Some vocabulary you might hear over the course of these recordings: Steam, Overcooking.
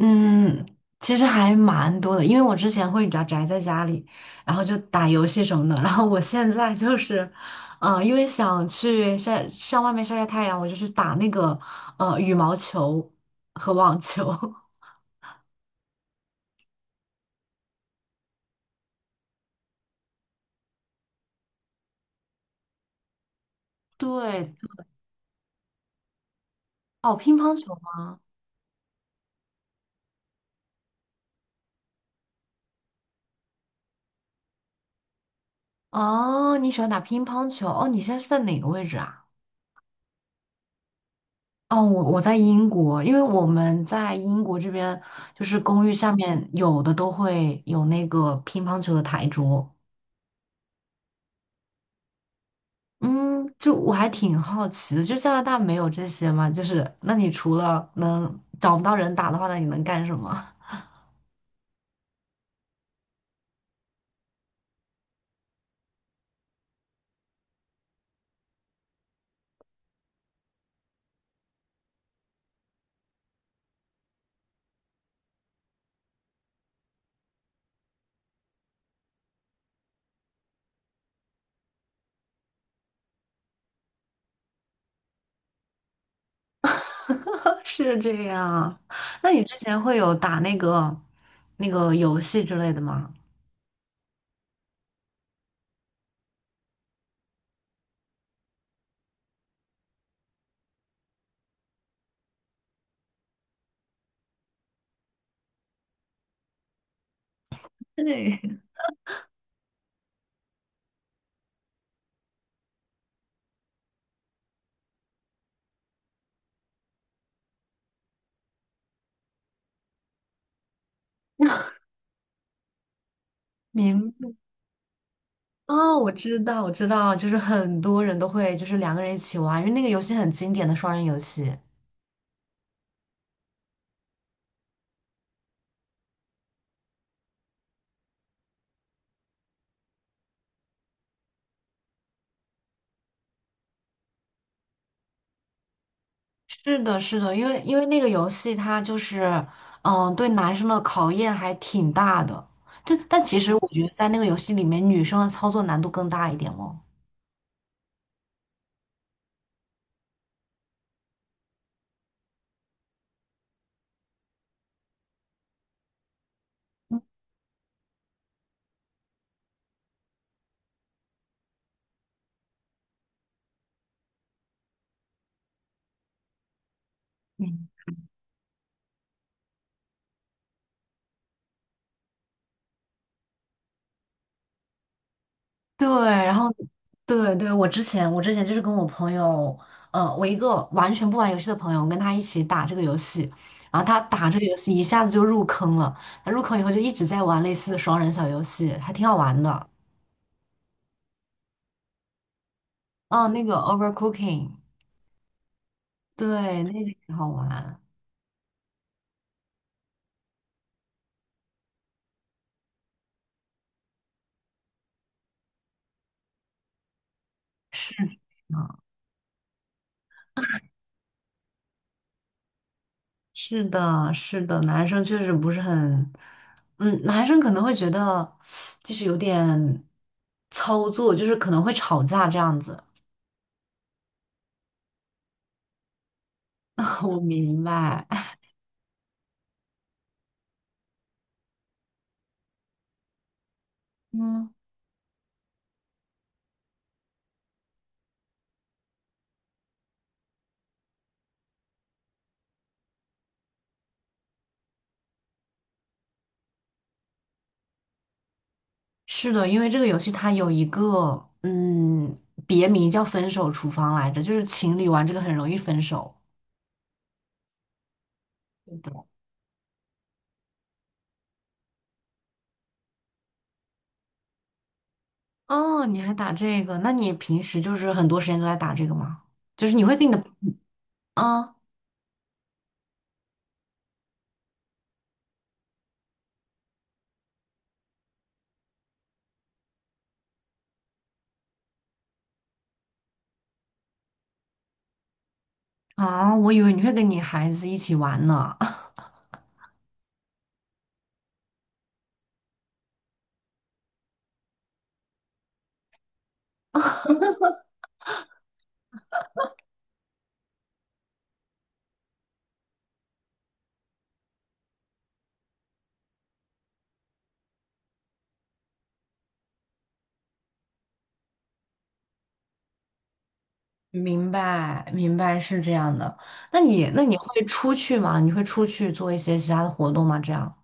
嗯，其实还蛮多的，因为我之前会比较宅在家里，然后就打游戏什么的。然后我现在就是，因为想去晒上外面晒晒太阳，我就去打那个羽毛球和网球。对，哦，乒乓球吗？哦，你喜欢打乒乓球？哦，你现在是在哪个位置啊？哦，我在英国，因为我们在英国这边就是公寓下面有的都会有那个乒乓球的台桌。嗯，就我还挺好奇的，就加拿大没有这些吗？就是那你除了能找不到人打的话，那你能干什么？是这样，那你之前会有打那个游戏之类的吗？对，明白。哦，我知道，我知道，就是很多人都会就是两个人一起玩，因为那个游戏很经典的双人游戏。是的，是的，因为那个游戏它就是，嗯、对男生的考验还挺大的。就但其实我觉得在那个游戏里面，女生的操作难度更大一点哦。嗯，对，然后对对，我之前就是跟我朋友，呃，我一个完全不玩游戏的朋友，我跟他一起打这个游戏，然后他打这个游戏一下子就入坑了，他入坑以后就一直在玩类似的双人小游戏，还挺好玩的。哦，那个 Overcooking，对，那个挺好玩，是。是的，是的，男生确实不是很，嗯，男生可能会觉得就是有点操作，就是可能会吵架这样子。我明白，嗯，是的，因为这个游戏它有一个嗯别名叫“分手厨房”来着，就是情侣玩这个很容易分手。对的。哦，你还打这个？那你平时就是很多时间都在打这个吗？就是你会定的啊。啊，我以为你会跟你孩子一起玩呢。明白，明白是这样的。那你，那你会出去吗？你会出去做一些其他的活动吗？这样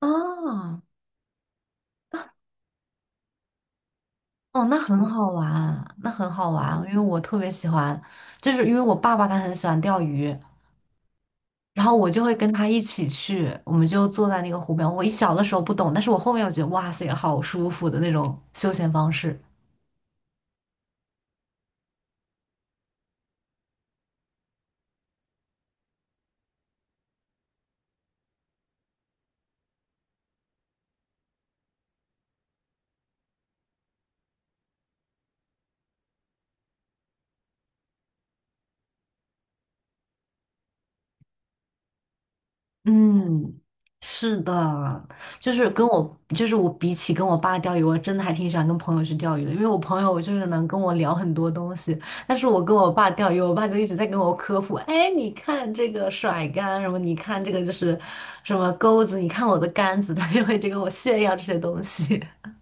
啊。哦，那很好玩，那很好玩，因为我特别喜欢，就是因为我爸爸他很喜欢钓鱼，然后我就会跟他一起去，我们就坐在那个湖边。我一小的时候不懂，但是我后面我觉得哇塞，好舒服的那种休闲方式。嗯，是的，就是跟我，就是我比起跟我爸钓鱼，我真的还挺喜欢跟朋友去钓鱼的，因为我朋友就是能跟我聊很多东西，但是我跟我爸钓鱼，我爸就一直在跟我科普，哎，你看这个甩竿什么，你看这个就是什么钩子，你看我的杆子，他就会一直跟我炫耀这些东西。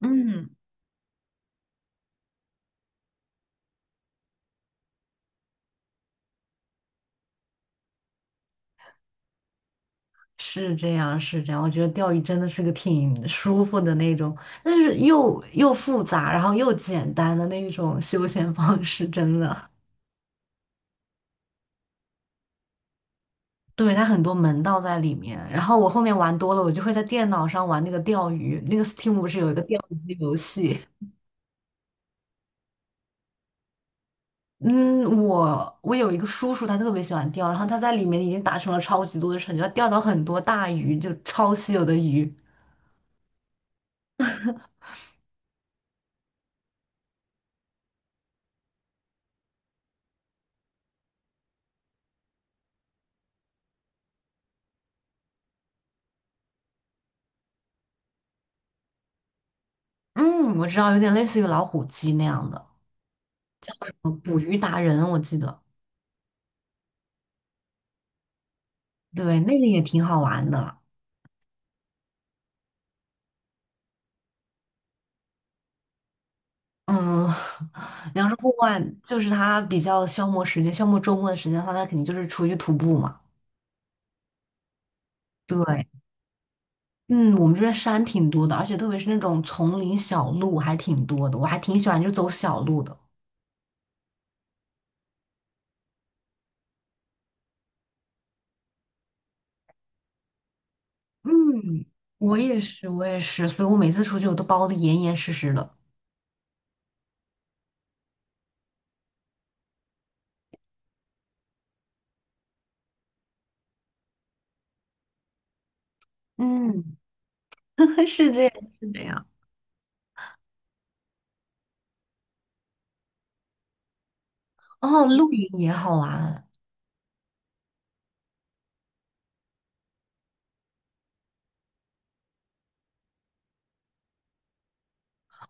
嗯，是这样，是这样。我觉得钓鱼真的是个挺舒服的那种，但是又复杂，然后又简单的那一种休闲方式，真的。对，它很多门道在里面。然后我后面玩多了，我就会在电脑上玩那个钓鱼。那个 Steam 不是有一个钓鱼的游戏？嗯，我有一个叔叔，他特别喜欢钓，然后他在里面已经达成了超级多的成就，他钓到很多大鱼，就超稀有的鱼。嗯，我知道，有点类似于老虎机那样的，捕鱼达人，我记得。对，那个也挺好玩的。嗯，你要是户外，就是他比较消磨时间，消磨周末的时间的话，他肯定就是出去徒步嘛。对。嗯，我们这边山挺多的，而且特别是那种丛林小路还挺多的，我还挺喜欢就走小路的。嗯，我也是。我也是，所以我每次出去我都包的严严实实的。嗯，是这样，是这样。哦，露营也好玩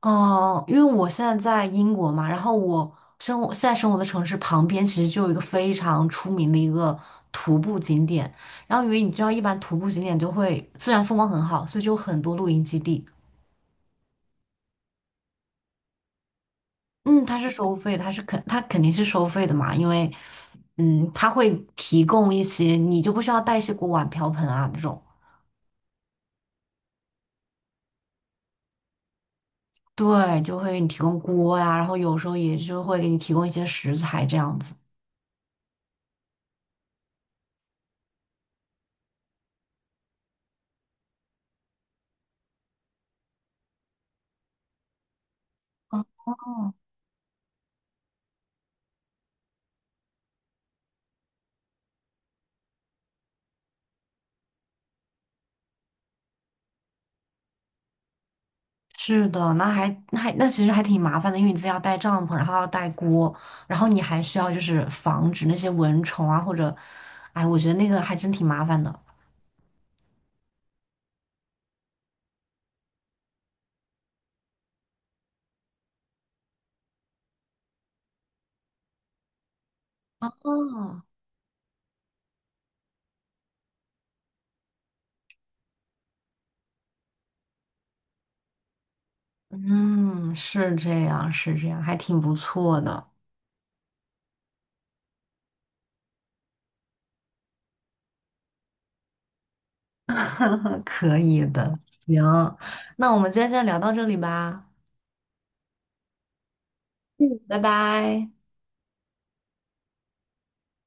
哦，因为我现在在英国嘛，然后我生活的城市旁边其实就有一个非常出名的一个徒步景点，然后因为你知道，一般徒步景点就会自然风光很好，所以就有很多露营基地。嗯，它是收费，它是肯，它肯定是收费的嘛，因为，嗯，它会提供一些，你就不需要带一些锅碗瓢盆啊这种，对，就会给你提供锅呀、然后有时候也就会给你提供一些食材这样子。是的，那那其实还挺麻烦的，因为你自己要带帐篷，然后要带锅，然后你还需要就是防止那些蚊虫啊或者，哎，我觉得那个还真挺麻烦的。哦，嗯，是这样，是这样，还挺不错的。可以的，行，那我们今天先聊到这里吧，拜拜。